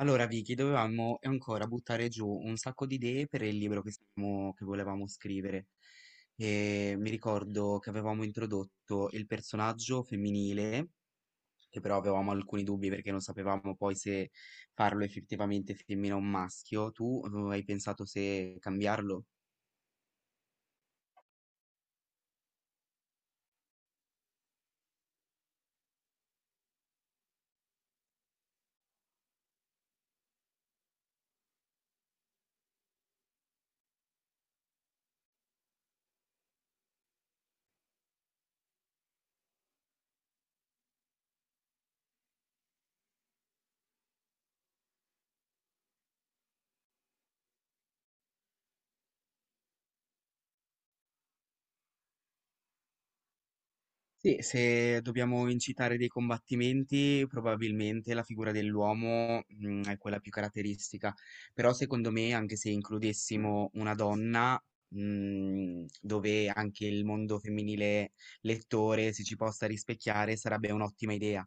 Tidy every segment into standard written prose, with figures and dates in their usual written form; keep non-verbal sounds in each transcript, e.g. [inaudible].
Allora, Vicky, dovevamo ancora buttare giù un sacco di idee per il libro che volevamo scrivere. E mi ricordo che avevamo introdotto il personaggio femminile, che però avevamo alcuni dubbi perché non sapevamo poi se farlo effettivamente femmina o maschio. Tu hai pensato se cambiarlo? Se dobbiamo incitare dei combattimenti, probabilmente la figura dell'uomo, è quella più caratteristica, però secondo me anche se includessimo una donna, dove anche il mondo femminile lettore si ci possa rispecchiare, sarebbe un'ottima idea.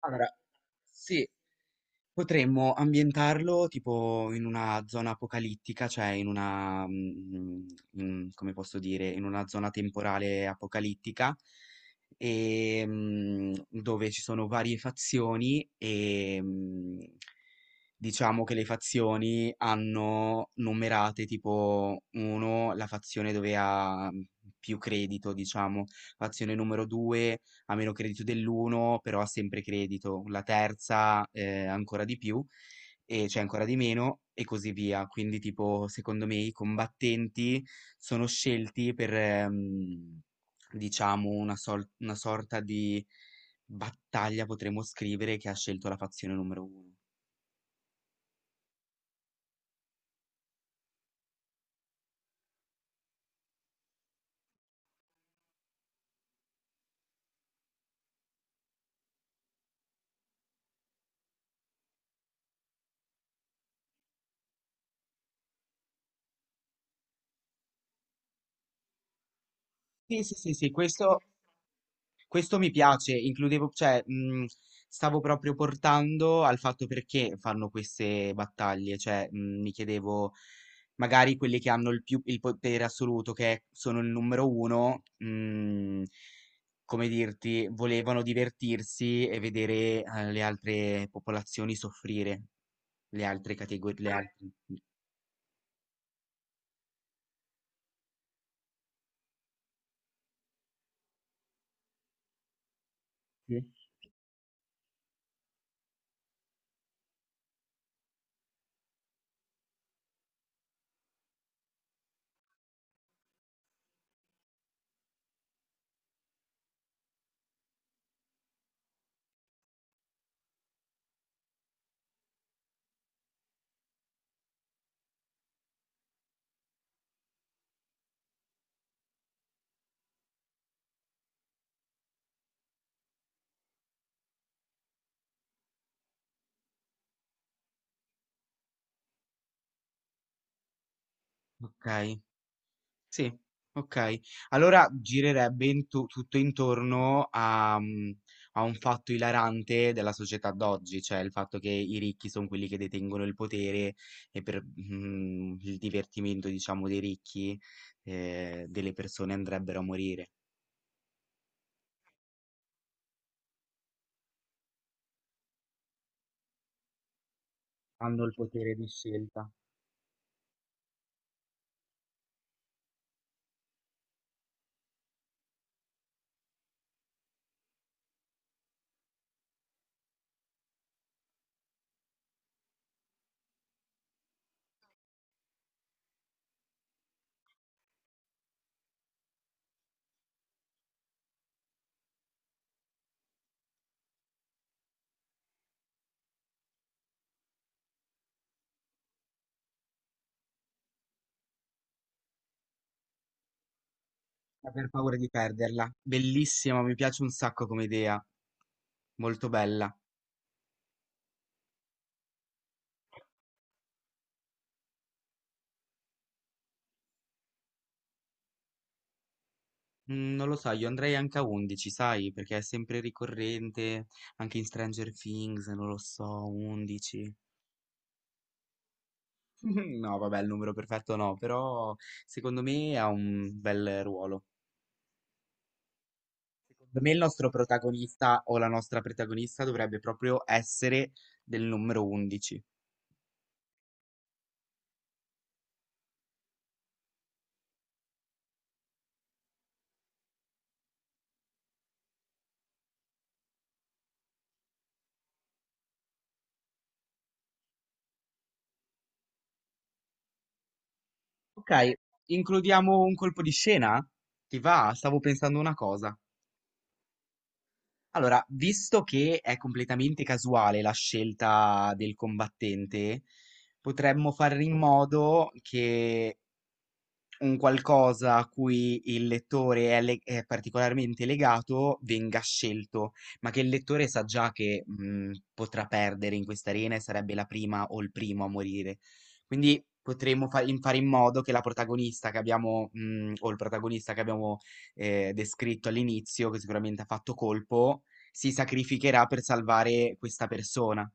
Allora, sì, potremmo ambientarlo tipo in una zona apocalittica, cioè in come posso dire, in una zona temporale apocalittica, e dove ci sono varie fazioni e diciamo che le fazioni hanno numerate tipo 1, la fazione dove ha più credito, diciamo, fazione numero 2 ha meno credito dell'uno, però ha sempre credito, la terza ancora di più, e c'è ancora di meno, e così via. Quindi, tipo, secondo me i combattenti sono scelti per, diciamo, una sorta di battaglia, potremmo scrivere, che ha scelto la fazione numero uno. Sì, sì, sì, sì, questo questo mi piace, includevo, cioè, stavo proprio portando al fatto perché fanno queste battaglie, cioè, mi chiedevo, magari quelli che hanno il più, il potere assoluto, sono il numero uno, come dirti, volevano divertirsi e vedere, le altre popolazioni soffrire, le altre categorie, le altre... Sì. Ok. Sì, okay. Allora girerebbe intu tutto intorno a a un fatto ilarante della società d'oggi, cioè il fatto che i ricchi son quelli che detengono il potere e per, il divertimento diciamo dei ricchi, delle persone andrebbero a morire. Hanno il potere di scelta, ma per paura di perderla. Bellissima, mi piace un sacco come idea, molto bella. Mm, non lo so, io andrei anche a 11, sai, perché è sempre ricorrente, anche in Stranger Things, non lo so, 11. [laughs] No, vabbè, il numero perfetto no, però secondo me ha un bel ruolo. Secondo me il nostro protagonista o la nostra protagonista dovrebbe proprio essere del numero 11. Ok, includiamo un colpo di scena? Ti va? Stavo pensando una cosa. Allora, visto che è completamente casuale la scelta del combattente, potremmo fare in modo che un qualcosa a cui il lettore è, le- è particolarmente legato venga scelto, ma che il lettore sa già che potrà perdere in questa arena e sarebbe la prima o il primo a morire. Quindi fare in modo che la protagonista che abbiamo, o il protagonista che abbiamo descritto all'inizio, che sicuramente ha fatto colpo, si sacrificherà per salvare questa persona.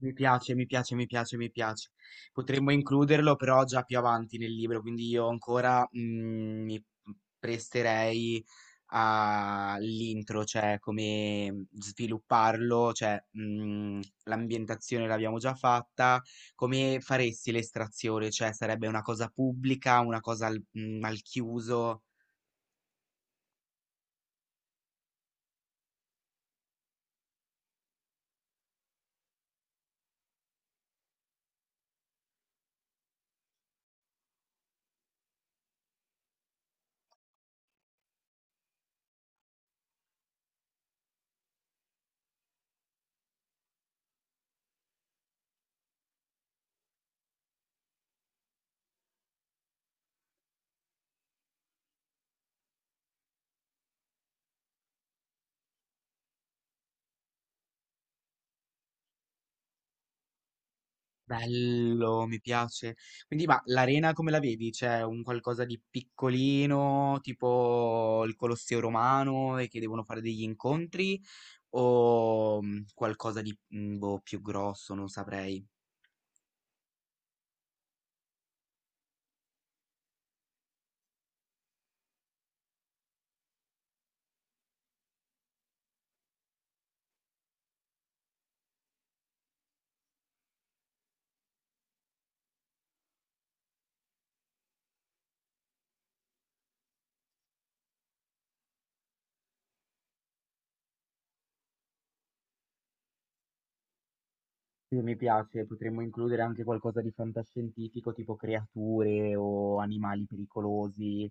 Mi piace, mi piace, mi piace, mi piace. Potremmo includerlo però già più avanti nel libro, quindi io ancora mi presterei all'intro, cioè come svilupparlo, cioè l'ambientazione l'abbiamo già fatta, come faresti l'estrazione, cioè sarebbe una cosa pubblica, una cosa al chiuso. Bello, mi piace. Quindi, ma l'arena come la vedi? C'è un qualcosa di piccolino, tipo il Colosseo romano, e che devono fare degli incontri, o qualcosa di boh, più grosso, non saprei. Sì, mi piace, potremmo includere anche qualcosa di fantascientifico, tipo creature o animali pericolosi.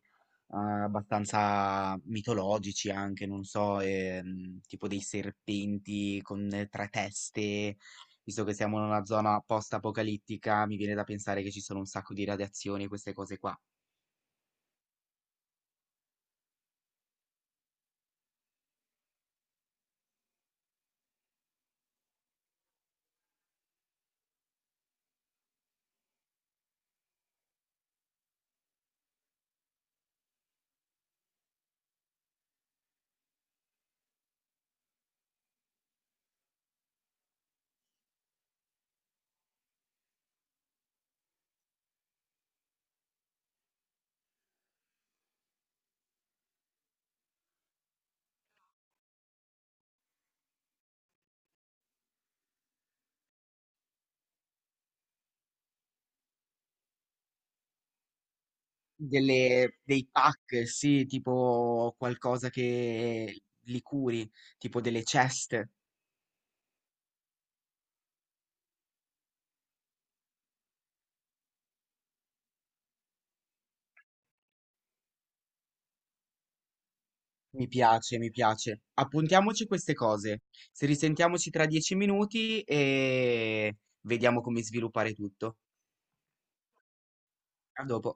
Abbastanza mitologici anche, non so, tipo dei serpenti con 3 teste. Visto che siamo in una zona post-apocalittica, mi viene da pensare che ci sono un sacco di radiazioni e queste cose qua. Delle- dei pack, sì, tipo qualcosa che li curi, tipo delle ceste. Mi piace, mi piace. Appuntiamoci queste cose. Se risentiamoci tra 10 minuti e vediamo come sviluppare tutto. A dopo.